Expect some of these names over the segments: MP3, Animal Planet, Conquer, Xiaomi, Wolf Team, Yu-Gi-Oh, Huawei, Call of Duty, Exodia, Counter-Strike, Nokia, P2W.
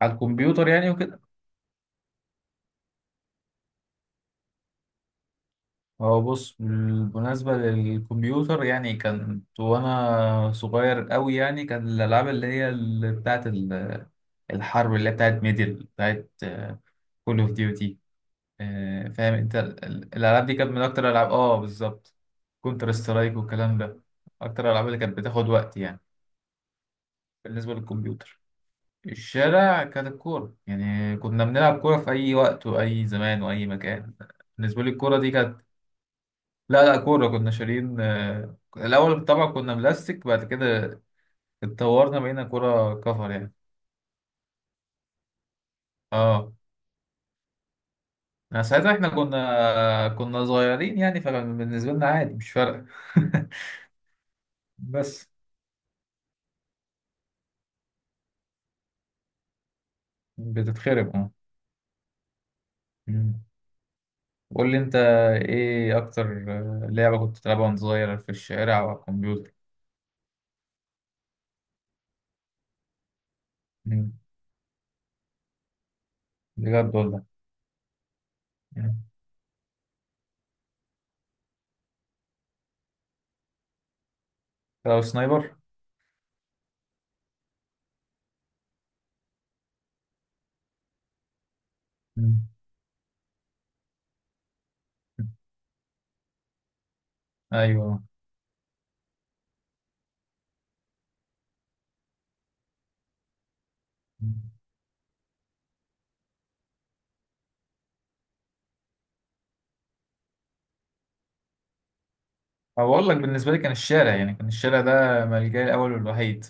على الكمبيوتر يعني وكده. هو بص بالمناسبة للكمبيوتر يعني كانت وأنا صغير أوي يعني كان الألعاب اللي هي اللي بتاعت الحرب اللي هي بتاعت ميدل بتاعت كول أوف ديوتي. فاهم أنت الألعاب دي كانت من أكتر الألعاب، آه بالظبط. كونتر سترايك والكلام ده أكتر الألعاب اللي كانت بتاخد وقت يعني. بالنسبة للكمبيوتر. الشارع كانت الكورة يعني كنا بنلعب كورة في أي وقت وأي زمان وأي مكان. بالنسبة لي الكورة دي كانت، لا لا كورة كنا شارين، آه، الأول طبعا كنا بلاستيك بعد كده اتطورنا بقينا كورة كفر يعني. اه يعني ساعتها احنا كنا صغيرين يعني فكان بالنسبة لنا عادي مش فارقة. بس بتتخرب اه. مم. قول لي انت ايه أكتر، آه، لعبة كنت بتلعبها وأنت صغير في الشارع أو على الكمبيوتر. مم. بجد والله. مم. لو سنايبر. مم. أيوه. مم. أو أقول لك بالنسبة لي كان الشارع يعني كان الشارع ده ملجأي الأول والوحيد.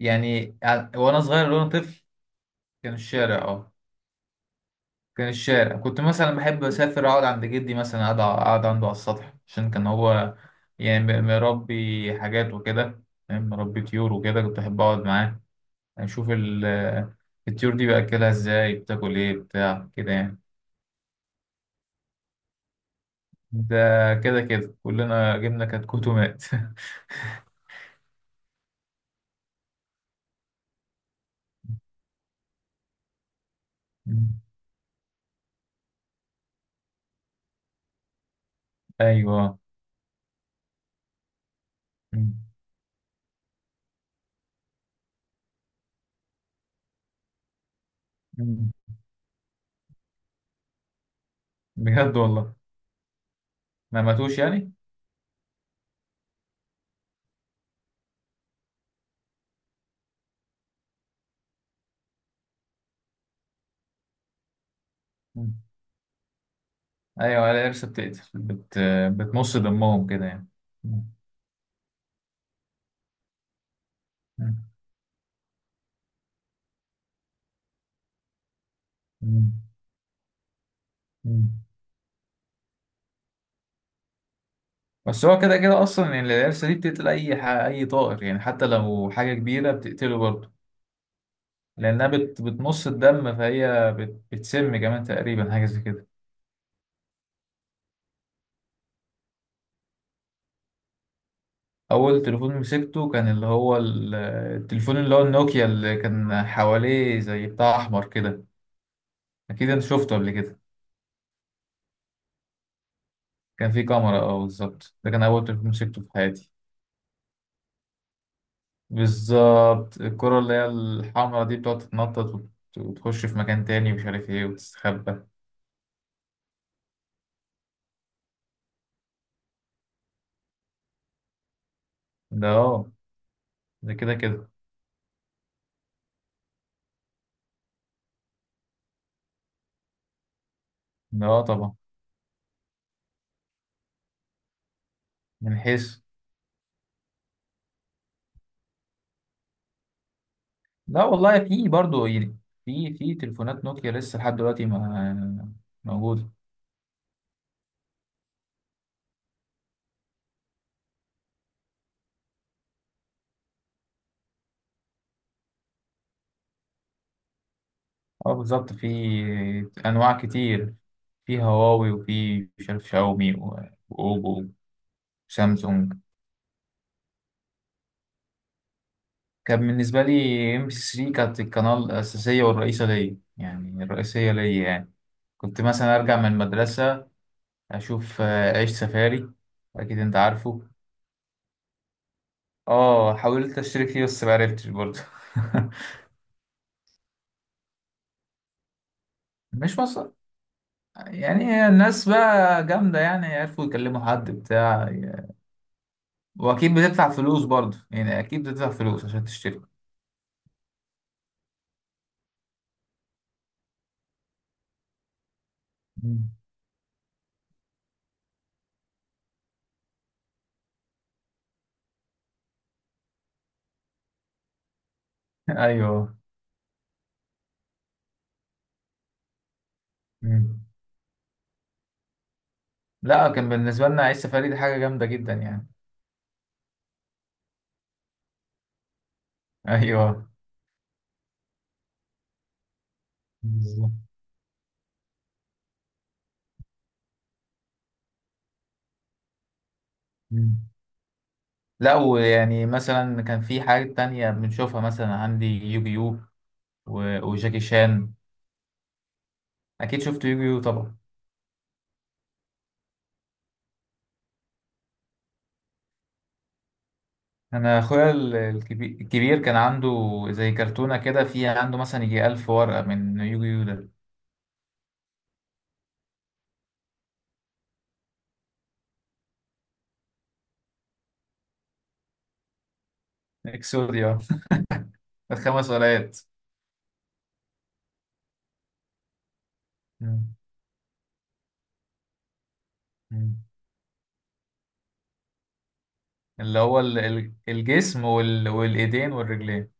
يعني وانا صغير لو انا طفل كان الشارع اه. كان الشارع كنت مثلا بحب اسافر اقعد عند جدي مثلا اقعد عنده على السطح عشان كان هو يعني مربي حاجات وكده. فاهم؟ مربي طيور وكده كنت احب اقعد معاه اشوف الطيور دي باكلها ازاي بتاكل ايه بتاع كده يعني. ده كده كده كلنا جبنا كتكوت ومات. ايوه. مم. مم. بجد والله. ما ماتوش يعني. ايوه القرش بتقتل بتمص دمهم كده يعني. مم. مم. مم. بس هو كده كده اصلا يعني القرش دي بتقتل اي اي طائر يعني حتى لو حاجه كبيره بتقتله برضه. لانها بتمص الدم فهي بتسم كمان تقريبا حاجه زي كده. اول تليفون مسكته كان اللي هو التليفون اللي هو النوكيا اللي كان حواليه زي بتاع احمر كده. اكيد انت شفته قبل كده. كان فيه كاميرا اه بالظبط، ده كان اول تليفون مسكته في حياتي. بالظبط الكرة اللي هي الحمرا دي بتقعد تتنطط وتخش في مكان تاني ومش عارف ايه وتستخبى. ده اه. ده كده كده. ده اه طبعا. من حيث. لا والله في برضه يعني. في في تليفونات نوكيا لسه لحد دلوقتي ما موجودة. اه بالظبط في أنواع كتير. في هواوي وفي مش عارف شاومي وأوبو وسامسونج. كان بالنسبة لي ام بي 3 كانت القناة الأساسية والرئيسة ليا يعني الرئيسية ليا يعني. كنت مثلا ارجع من المدرسة اشوف، آه، عيش سفاري. اكيد انت عارفه. اه حاولت اشترك فيه بس معرفتش برضه. مش مصر. يعني الناس بقى جامدة يعني عرفوا يكلموا حد بتاع. واكيد بتدفع فلوس برضه يعني اكيد بتدفع فلوس عشان تشترك. مم. ايوه. مم. لا كان بالنسبة لنا عيش سفاري دي حاجة جامدة جدا يعني. ايوه بالظبط. مم. لا ويعني مثلا كان في حاجة تانية بنشوفها مثلا عندي يوجيو وجاكي شان. اكيد شفت يوجيو طبعا. انا اخويا الكبير كان عنده زي كرتونه كده فيها عنده مثلا يجي 1000 ورقه من يوجيو ده. اكسوديا. الخمس ورقات. مم. مم. اللي هو الجسم والايدين والرجلين.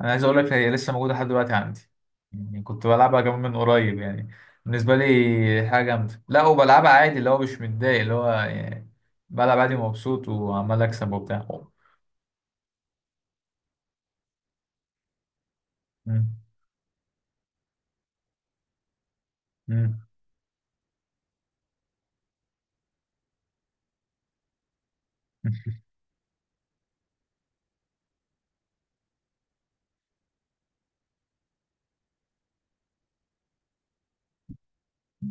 انا عايز اقول لك هي لسه موجوده لحد دلوقتي عندي. يعني كنت بلعبها كمان من قريب يعني. بالنسبه لي حاجه جامده. لا وبلعبها عادي اللي هو مش متضايق اللي هو يعني بلعب عادي مبسوط وعمال اكسب وبتاع. مم. مم.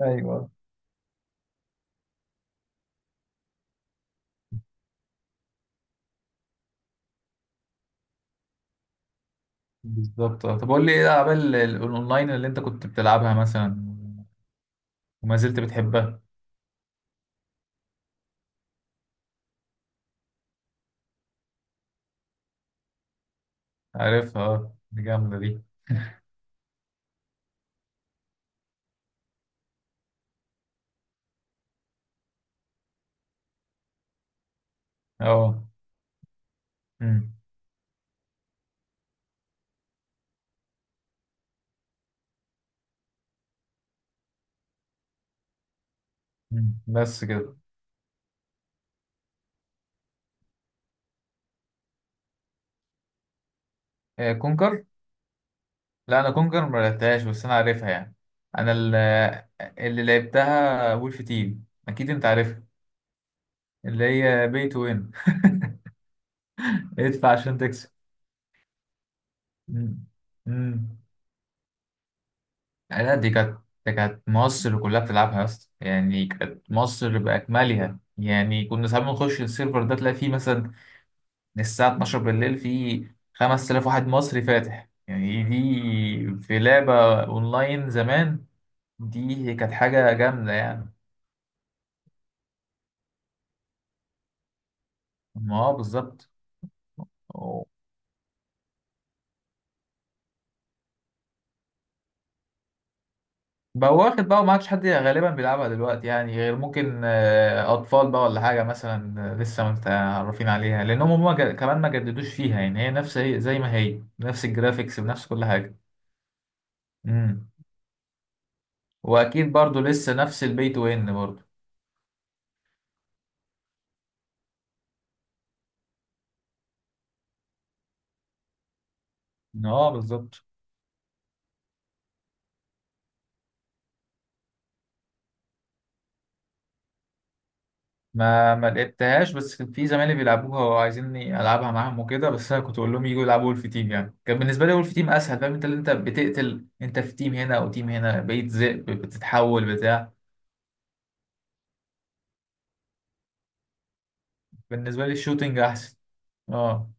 ايوه بالظبط، آه. طب قول لي ايه الالعاب الاونلاين اللي انت كنت بتلعبها مثلا وما زلت بتحبها. عارفها اه دي جامده دي. اه أمم، أمم. بس كده، آه، كونكر. لا انا كونكر ما لعبتهاش بس انا عارفها يعني. انا اللي لعبتها وولف تيم، اكيد انت عارفها. اللي هي بي تو وين. ادفع عشان تكسب. أمم، أمم. لا دي كانت. دي كانت مصر كلها بتلعبها يا اسطى يعني كانت مصر بأكملها يعني كنا ساعات بنخش السيرفر ده تلاقي فيه مثلا من الساعة 12 بالليل فيه 5000 واحد مصري فاتح يعني دي في لعبة أونلاين زمان. دي كانت حاجة جامدة يعني. ما هو بالظبط. بقى واخد بقى وما عادش حد غالبا بيلعبها دلوقتي يعني غير ممكن، آه، اطفال بقى ولا حاجه مثلا، آه، لسه ما متعرفين عليها لانهم هم كمان ما جددوش فيها يعني هي نفس هي زي ما هي نفس الجرافيكس بنفس كل حاجه. امم. واكيد برضو لسه نفس البي تو ان برضو. اه بالظبط. ما لعبتهاش بس كان في زمايلي بيلعبوها وعايزيني العبها معاهم وكده بس انا كنت اقول لهم يجوا يلعبوا ولف تيم يعني كان بالنسبه لي ولف تيم اسهل. فاهم انت اللي انت بتقتل انت في تيم هنا او تيم هنا بقيت ذئب بتتحول بتاع. بالنسبه لي الشوتينج احسن. اه.